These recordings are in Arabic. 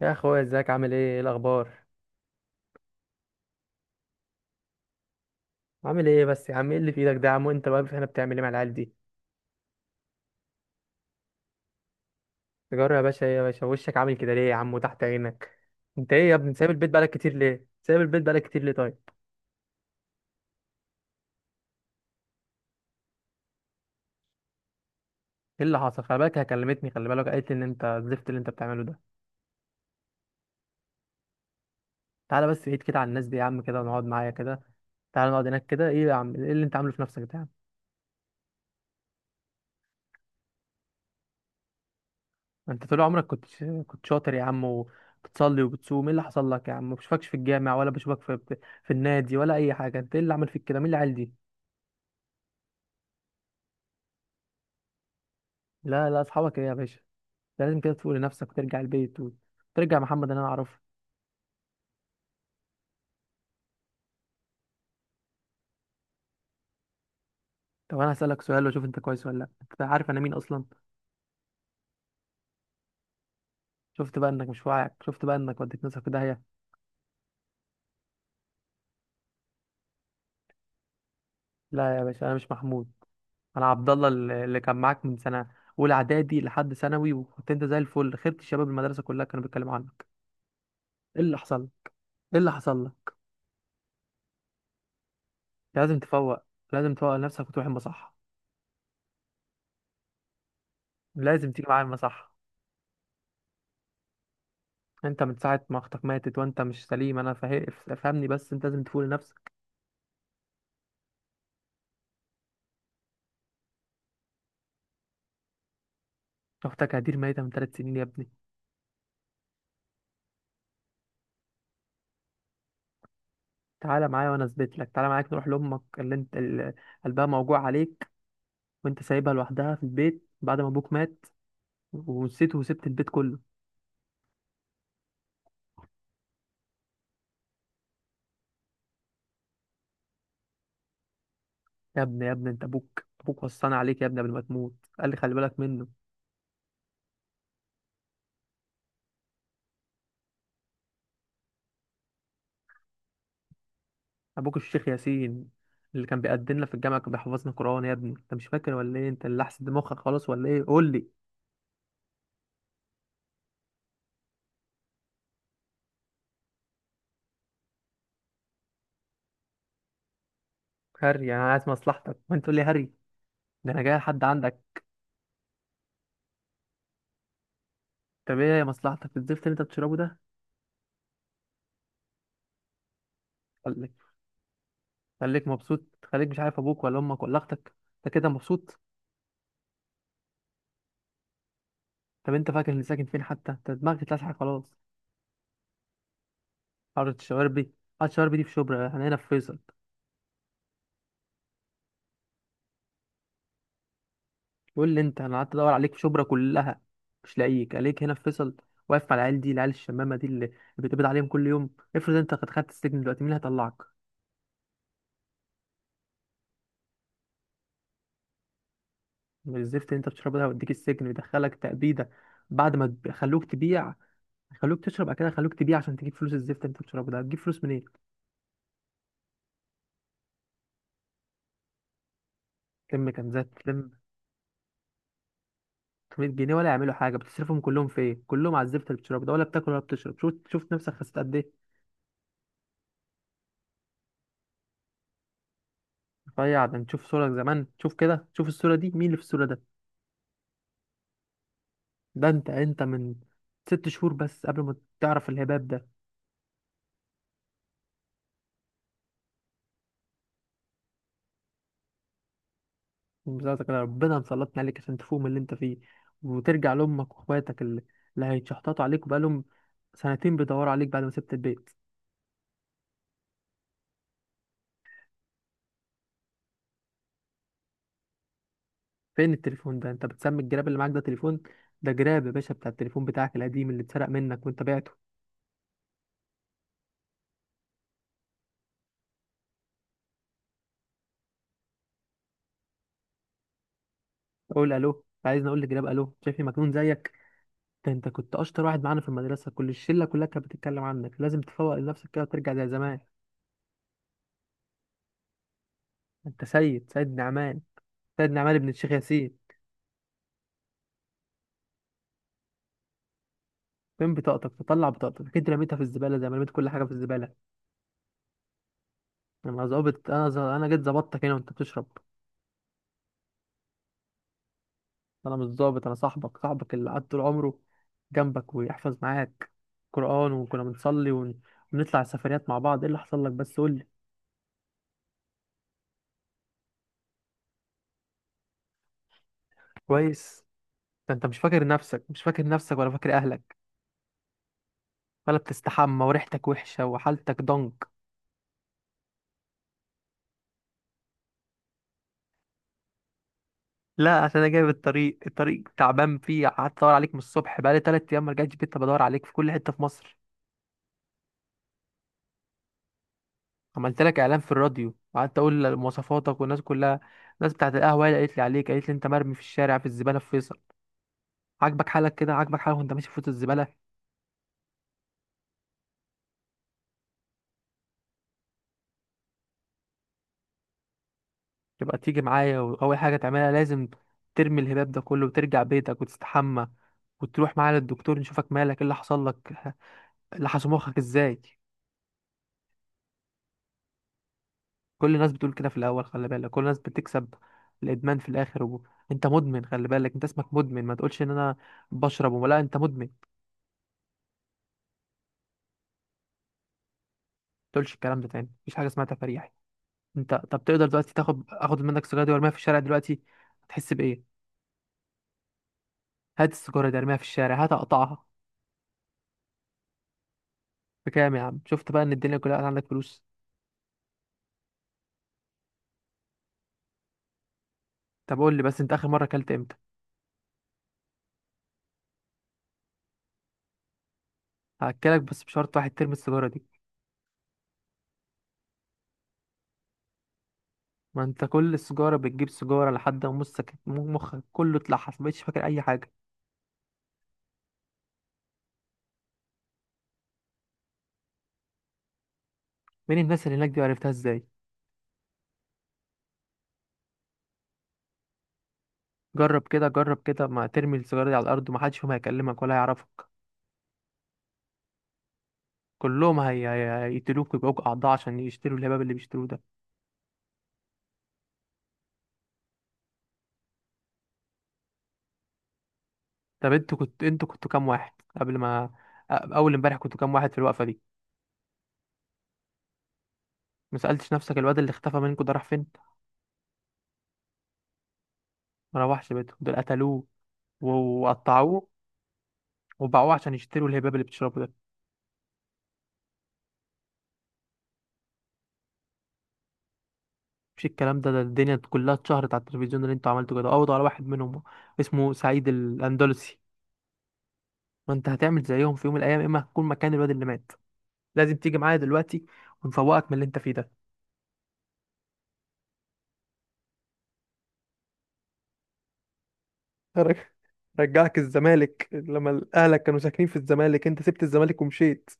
يا اخويا، ازيك؟ عامل ايه؟ ايه الاخبار؟ عامل ايه بس يا عم؟ ايه اللي في ايدك ده يا عم؟ وانت واقف هنا بتعمل ايه مع العيال دي؟ تجرب يا باشا؟ ايه يا باشا وشك عامل كده ليه يا عم؟ وتحت عينك؟ انت ايه يا ابني؟ سايب البيت بقالك كتير ليه؟ سايب البيت بقالك كتير ليه طيب؟ ايه اللي حصل؟ خلي بالك هي كلمتني، خلي بالك قالت لي ان انت الزفت اللي انت بتعمله ده. تعالى بس بعيد كده عن الناس دي يا عم، كده ونقعد معايا كده. تعالى نقعد هناك كده. ايه يا عم؟ ايه اللي انت عامله في نفسك ده يا عم؟ انت طول عمرك كنت شاطر يا عم، وبتصلي وبتصوم. ايه اللي حصل لك يا عم؟ ما بشوفكش في الجامع، ولا بشوفك في في النادي ولا اي حاجه. انت ايه اللي عمل فيك كده؟ مين العيال دي؟ لا لا، اصحابك ايه يا باشا؟ ده لازم كده تفوق لنفسك وترجع البيت، وترجع محمد اللي انا اعرفه. طب انا هسألك سؤال واشوف انت كويس ولا لا. انت عارف انا مين اصلا؟ شفت بقى انك مش واعي؟ شفت بقى انك وديت نفسك في داهية؟ لا يا باشا انا مش محمود، انا عبد الله اللي كان معاك من سنة اولى اعدادي لحد ثانوي، وكنت انت زي الفل، خيرت الشباب، المدرسة كلها كانوا بيتكلموا عنك. ايه اللي حصل لك؟ ايه اللي حصل لك؟ لازم تفوق. لازم تفوق لنفسك وتروح المصحة. لازم تيجي معايا المصحة. انت من ساعة ما اختك ماتت وانت مش سليم، انا فهمني بس، انت لازم تفوق لنفسك. اختك هدير ميتة من 3 سنين يا ابني. تعالى معايا وانا اثبت لك، تعالى معاك نروح لامك اللي انت اللي قلبها موجوع عليك، وانت سايبها لوحدها في البيت بعد ما ابوك مات ونسيته وسبت البيت كله. يا ابني يا ابني، انت ابوك وصانا عليك يا ابني قبل ما تموت، قال لي خلي بالك منه. ابوك الشيخ ياسين اللي كان بيقدمنا في الجامعة، كان بيحفظنا قرآن يا ابني. انت مش فاكر ولا ايه؟ انت اللي احسن، دماغك خلاص ولا ايه؟ قول لي. هري؟ انا عايز مصلحتك وانت تقول لي هري؟ ده انا جاي لحد عندك. طب ايه مصلحتك؟ الزفت اللي انت بتشربه ده؟ خليك مبسوط، خليك مش عارف ابوك ولا امك ولا اختك. انت كده مبسوط؟ طب انت فاكر اني ساكن فين حتى؟ انت دماغك اتلسعت خلاص. حاره الشواربي؟ حاره الشواربي دي في شبرا، احنا هنا في فيصل. قول لي انت. انا قعدت ادور عليك في شبرا كلها مش لاقيك، عليك هنا في فيصل واقف مع العيال دي، العيال الشمامه دي اللي بتقبض عليهم كل يوم. افرض انت قد خدت السجن دلوقتي، مين اللي هيطلعك؟ من الزفت اللي انت بتشربه ده ويديك السجن ويدخلك تأبيده. بعد ما خلوك تبيع، خلوك تشرب، بعد كده خلوك تبيع عشان تجيب فلوس. الزفت اللي انت بتشربه ده هتجيب فلوس منين؟ تلم كنزات؟ تلم 300 جنيه ولا يعملوا حاجه؟ بتصرفهم كلهم في ايه؟ كلهم على الزفت اللي بتشرب ده، ولا بتاكل ولا بتشرب. شوف شوف نفسك خسيت قد ايه. رفيع؟ ده انت شوف صورك زمان، شوف كده، شوف الصوره دي. مين اللي في الصوره ده؟ ده انت من 6 شهور بس قبل ما تعرف الهباب ده. ومزازك كده ربنا مسلطني عليك عشان تفوق من اللي انت فيه وترجع لامك واخواتك اللي هيتشحططوا عليك، وبقالهم سنتين بيدوروا عليك بعد ما سبت البيت. فين التليفون ده؟ انت بتسمي الجراب اللي معاك ده تليفون؟ ده جراب يا باشا بتاع التليفون بتاعك القديم اللي اتسرق منك وانت بعته. اقول الو؟ عايزني اقول لجلاب الو؟ شايفني مجنون زيك؟ ده انت كنت اشطر واحد معانا في المدرسه، كل الشله كلها كانت بتتكلم عنك. لازم تفوق لنفسك كده وترجع زي زمان. انت سيد نعمان، سيد نعمان ابن الشيخ ياسين. فين بطاقتك؟ تطلع بطاقتك؟ اكيد رميتها في الزباله زي ما رميت كل حاجه في الزباله. انا ظابط؟ انا جيت ظبطتك هنا وانت بتشرب. انا مش ظابط، انا صاحبك، صاحبك اللي قعد طول عمره جنبك ويحفظ معاك قران، ونطلع سفريات مع بعض. ايه اللي حصل لك بس قول لي. كويس؟ ده انت مش فاكر نفسك، مش فاكر نفسك ولا فاكر اهلك، ولا بتستحمى، وريحتك وحشة، وحالتك ضنك. لا، عشان انا جاي بالطريق، الطريق تعبان فيه، قعدت ادور عليك من الصبح، بقالي 3 ايام ما رجعتش بيت بدور عليك في كل حتة في مصر. عملت لك اعلان في الراديو وقعدت اقول مواصفاتك، والناس كلها، الناس بتاعت القهوة هي اللي قالت لي عليك، قالت لي انت مرمي في الشارع في الزبالة في فيصل. عاجبك حالك كده؟ عاجبك حالك وانت ماشي في وسط الزبالة؟ تبقى تيجي معايا، واول حاجة تعملها لازم ترمي الهباب ده كله وترجع بيتك وتستحمى، وتروح معايا للدكتور نشوفك مالك، ايه اللي حصل لك، لحسوا مخك ازاي. كل الناس بتقول كده في الاول، خلي بالك، كل الناس بتكسب الادمان في الاخر انت مدمن، خلي بالك، انت اسمك مدمن، ما تقولش ان انا بشرب وما لا، انت مدمن. ما تقولش الكلام ده تاني، مفيش حاجه اسمها تفريحي. انت طب تقدر دلوقتي تاخد، اخد منك السيجاره دي وارميها في الشارع دلوقتي، هتحس بايه؟ هات السيجاره دي ارميها في الشارع، هات اقطعها. بكام؟ يا عم شفت بقى ان الدنيا كلها عندك فلوس. طب قول لي بس، انت اخر مره اكلت امتى؟ هاكلك بس بشرط واحد، ترمي السيجاره دي. ما انت كل السيجاره بتجيب سيجاره لحد ما مخك كله اتلحس، ما بقتش فاكر اي حاجه. مين الناس اللي هناك دي؟ وعرفتها ازاي؟ جرب كده، جرب كده، ما ترمي السيجارة دي على الأرض، ومحدش فيهم هيكلمك ولا هيعرفك. كلهم هيقتلوك ويبقوك أعضاء عشان يشتروا الهباب اللي بيشتروه ده. طب انتوا كنتوا كام واحد قبل ما أول امبارح كنتوا كام واحد في الوقفة دي؟ ما سألتش نفسك الواد اللي اختفى منكوا ده راح فين؟ ما روحش بيته، دول قتلوه وقطعوه وباعوه عشان يشتروا الهباب اللي بتشربه ده. مش الكلام ده، ده الدنيا كلها اتشهرت على التلفزيون اللي انتوا عملتوا كده. قبضوا على واحد منهم اسمه سعيد الأندلسي. ما انت هتعمل زيهم في يوم من الأيام، يا إما هتكون مكان الواد اللي مات. لازم تيجي معايا دلوقتي ونفوقك من اللي انت فيه ده. رج- رجعك الزمالك، لما اهلك كانوا ساكنين في الزمالك انت سبت الزمالك ومشيت.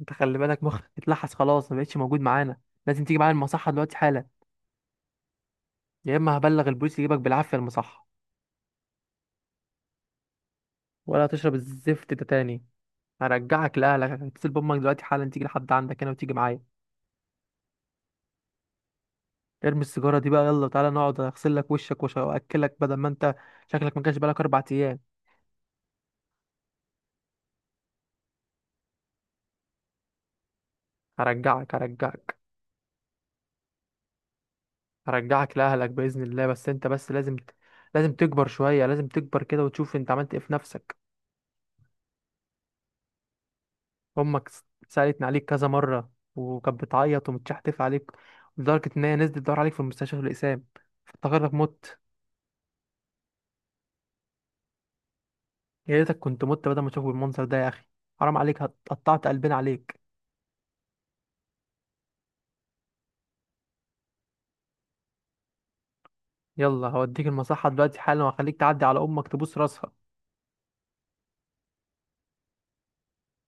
انت خلي بالك، مخك اتلحس خلاص، ما بقتش موجود معانا. لازم تيجي معايا المصحة دلوقتي حالا، يا اما هبلغ البوليس يجيبك بالعافية المصحة، ولا هتشرب الزفت ده تاني. هرجعك لاهلك، هتصل بامك دلوقتي حالا تيجي لحد عندك هنا وتيجي معايا. ارمي السيجارة دي بقى، يلا تعالى نقعد هغسل لك وشك واكلك، بدل ما انت شكلك ما كانش بقالك 4 ايام. هرجعك، هرجعك. هرجعك لأهلك بإذن الله، بس أنت بس لازم، لازم تكبر شوية لازم تكبر كده وتشوف أنت عملت إيه في نفسك. أمك سألتني عليك كذا مرة، وكانت بتعيط ومتشحتف عليك لدرجة إن هي نزلت تدور عليك في المستشفى في الإقسام، افتكرتك مت. يا ريتك كنت مت بدل ما تشوف المنظر ده يا أخي. حرام عليك، قطعت قلبنا عليك. يلا هوديك المصحة دلوقتي حالا، وهخليك تعدي على أمك تبوس راسها.